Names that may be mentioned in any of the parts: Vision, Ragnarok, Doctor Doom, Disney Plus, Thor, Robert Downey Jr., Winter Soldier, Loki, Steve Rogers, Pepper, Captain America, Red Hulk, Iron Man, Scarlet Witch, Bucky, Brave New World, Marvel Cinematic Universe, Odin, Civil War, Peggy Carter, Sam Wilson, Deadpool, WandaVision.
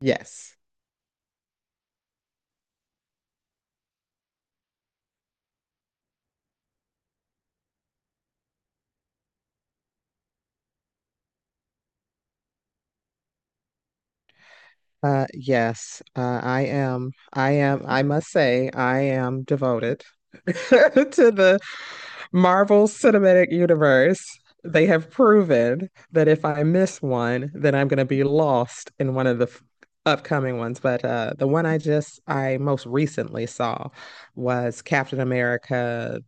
Yes. Yes. I am. I must say, I am devoted to the Marvel Cinematic Universe. They have proven that if I miss one, then I'm going to be lost in one of the upcoming ones. But the one I most recently saw was Captain America.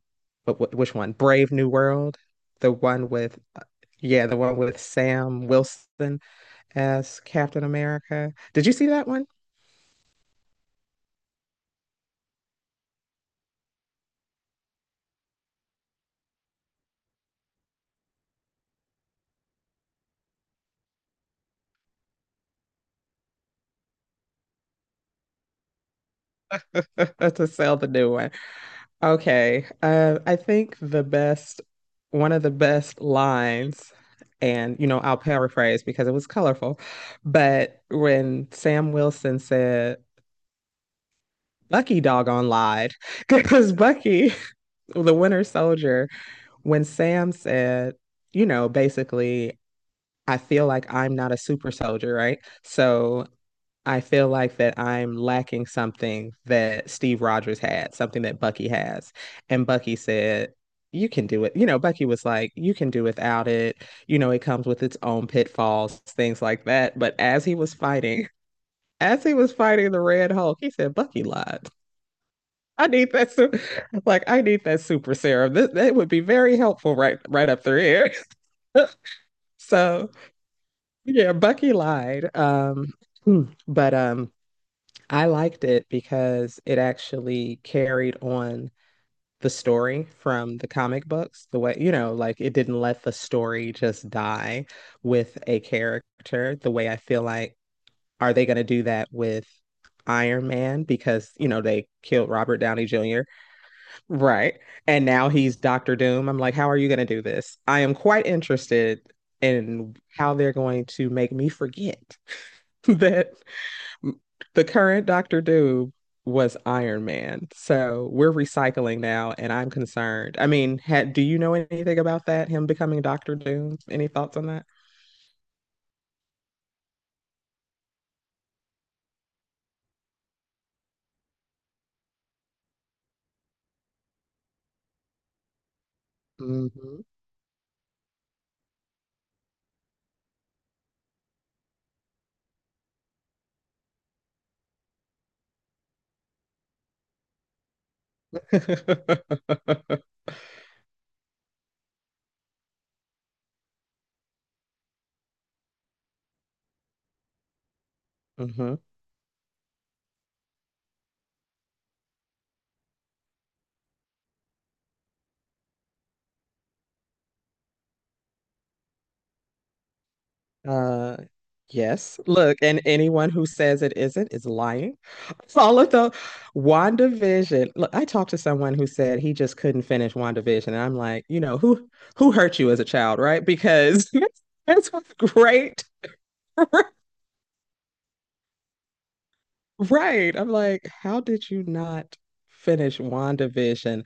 But which one? Brave New World, the one with, yeah, the one with Sam Wilson, as Captain America. Did you see that one? To sell the new one. Okay. I think one of the best lines, and you know, I'll paraphrase because it was colorful, but when Sam Wilson said, Bucky doggone lied, because Bucky, the Winter Soldier, when Sam said, you know, basically, I feel like I'm not a super soldier, right? So I feel like that I'm lacking something that Steve Rogers had, something that Bucky has. And Bucky said, You can do it. You know, Bucky was like, You can do without it. You know, it comes with its own pitfalls, things like that. But as he was fighting, as he was fighting the Red Hulk, he said, Bucky lied. I need like I need that super serum. That would be very helpful right up through here. so yeah, Bucky lied. But I liked it because it actually carried on the story from the comic books, the way, you know, like it didn't let the story just die with a character, the way I feel like, are they going to do that with Iron Man? Because, you know, they killed Robert Downey Jr. Right. And now he's Doctor Doom. I'm like, how are you going to do this? I am quite interested in how they're going to make me forget that the current Doctor Doom was Iron Man. So we're recycling now, and I'm concerned. I mean, do you know anything about that? Him becoming Doctor Doom? Any thoughts on that? hmm hmm Uh, yes. Look, and anyone who says it isn't is lying. It's All of the WandaVision. Look, I talked to someone who said he just couldn't finish WandaVision, and I'm like, you know, who hurt you as a child, right? Because that's what's great. Right. I'm like, how did you not finish WandaVision?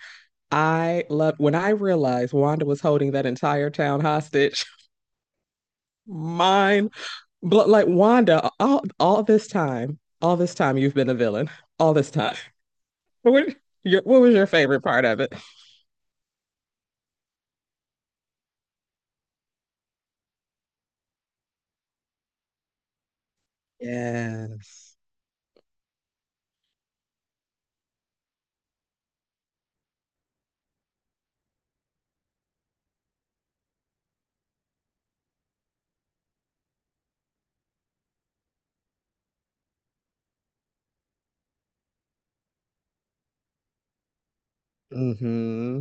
I loved when I realized Wanda was holding that entire town hostage. Mine. But like Wanda, all this time you've been a villain. All this time. what your what was your favorite part of it? Yes. Mm-hmm.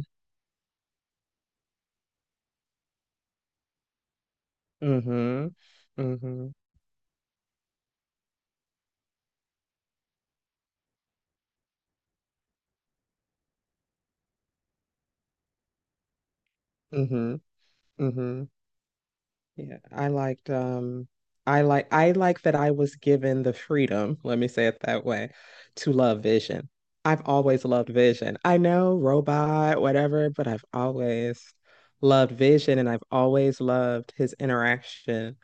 Mm-hmm. Mm-hmm. Mm-hmm. Mm-hmm. Yeah. I liked I like that I was given the freedom, let me say it that way, to love Vision. I've always loved Vision. I know robot, whatever, but I've always loved Vision and I've always loved his interaction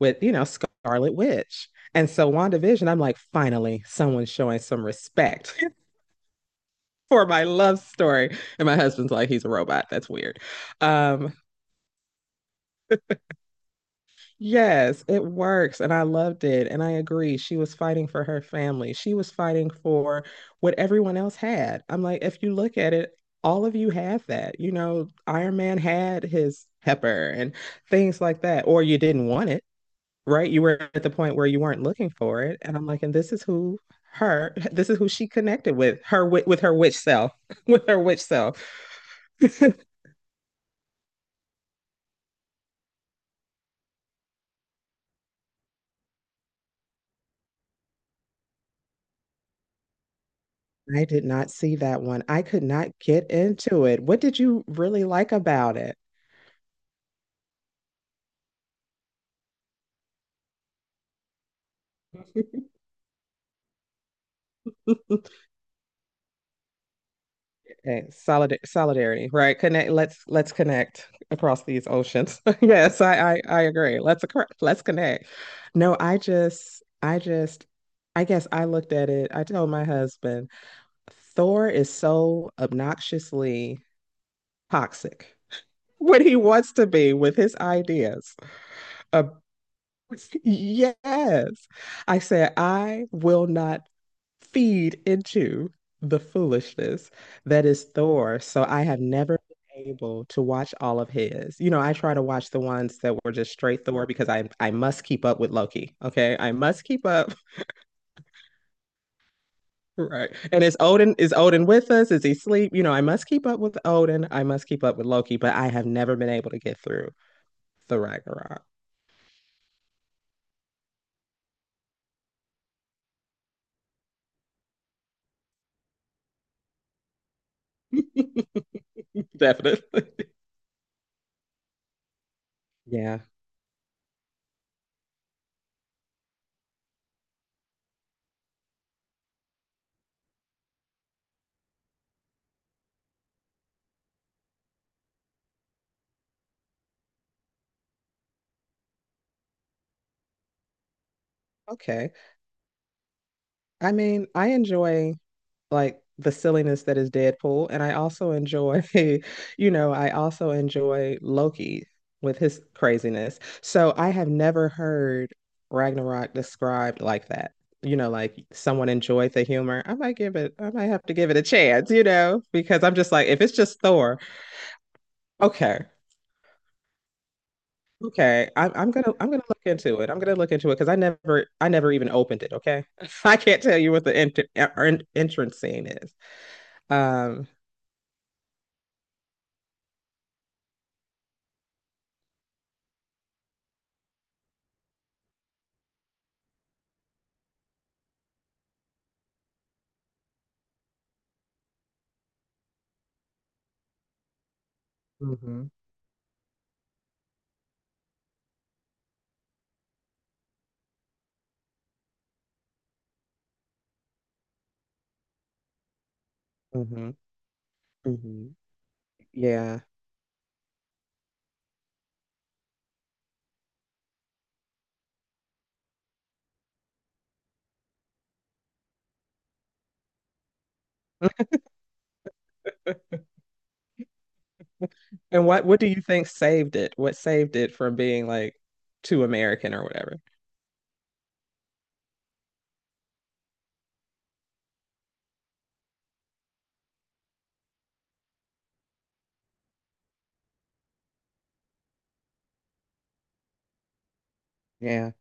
with, you know, Scarlet Witch. And so WandaVision, I'm like, finally, someone's showing some respect for my love story. And my husband's like, he's a robot. That's weird. Um, yes, it works. And I loved it. And I agree. She was fighting for her family. She was fighting for what everyone else had. I'm like, if you look at it, all of you had that. You know, Iron Man had his pepper and things like that, or you didn't want it, right? You were at the point where you weren't looking for it. And I'm like, and this is who this is who she connected with, with her witch self, with her witch self. I did not see that one. I could not get into it. What did you really like about it? okay, solidarity, right? Connect. Let's connect across these oceans. yes, I I agree. Let's connect. No, I just I guess I looked at it. I told my husband Thor is so obnoxiously toxic when he wants to be with his ideas. Uh, yes. I said, I will not feed into the foolishness that is Thor. So I have never been able to watch all of his. You know, I try to watch the ones that were just straight Thor because I must keep up with Loki. Okay. I must keep up. Right. And is Odin with us? Is he asleep? You know, I must keep up with Odin. I must keep up with Loki, but I have never been able to get through the Ragnarok. Definitely. Yeah. Okay. I mean, I enjoy like the silliness that is Deadpool. And I also enjoy, you know, I also enjoy Loki with his craziness. So I have never heard Ragnarok described like that. You know, like someone enjoyed the humor. I might have to give it a chance, you know, because I'm just like, if it's just Thor, okay. Okay, I'm gonna look into it. I'm gonna look into it because I never even opened it. Okay, I can't tell you what the entrance scene is. Um, hmm hmm Yeah. And what do you think saved it? What saved it from being like too American or whatever? Yeah,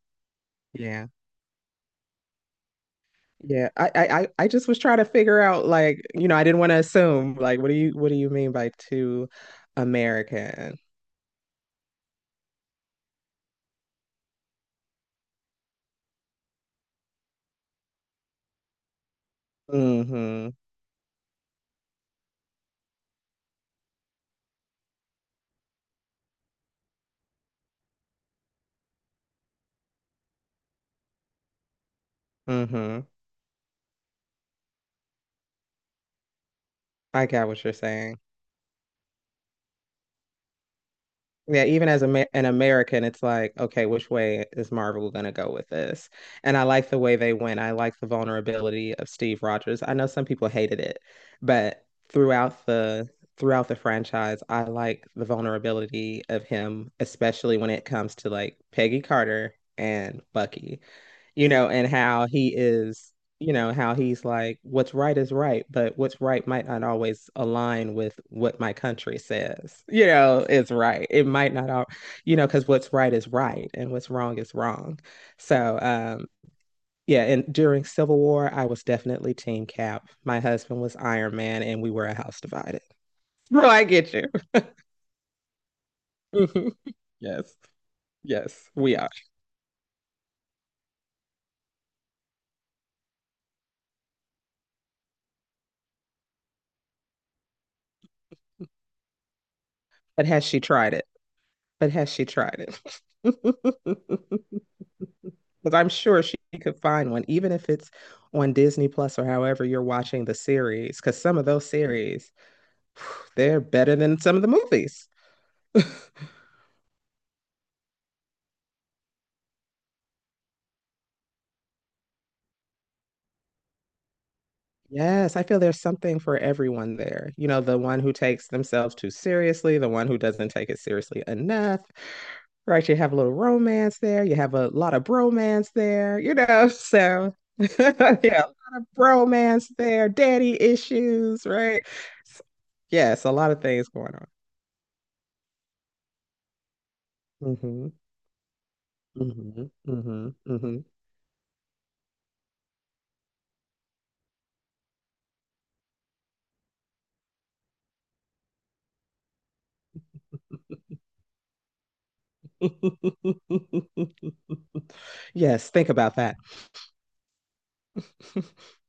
yeah, yeah. I I just was trying to figure out, like, you know, I didn't want to assume, like, what do you mean by too American? Mm-hmm. Mm-hmm. I get what you're saying. Yeah, even as an American, it's like, okay, which way is Marvel going to go with this? And I like the way they went. I like the vulnerability of Steve Rogers. I know some people hated it, but throughout the franchise, I like the vulnerability of him, especially when it comes to like Peggy Carter and Bucky. You know, and how he is, you know, how he's like, what's right is right, but what's right might not always align with what my country says, you know, is right. It might not all, you know, because what's right is right and what's wrong is wrong. So, yeah, and during Civil War, I was definitely Team Cap. My husband was Iron Man, and we were a house divided. So I get you. Mhm. Yes, yes, we are. But has she tried it? But has she tried it? Because I'm sure she could find one, even if it's on Disney Plus or however you're watching the series. Because some of those series, they're better than some of the movies. Yes, I feel there's something for everyone there. You know, the one who takes themselves too seriously, the one who doesn't take it seriously enough, right? You have a little romance there, you have a lot of bromance there, you know, so yeah, a lot of bromance there, daddy issues, right? Yes, a lot of things going on. Hmm hmm hmm Yes, think about that.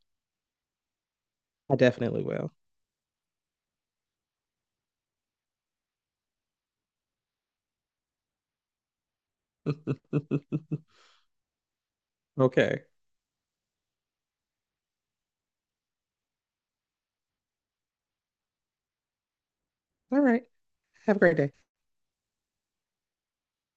I definitely will. Okay. All right. Have a great day.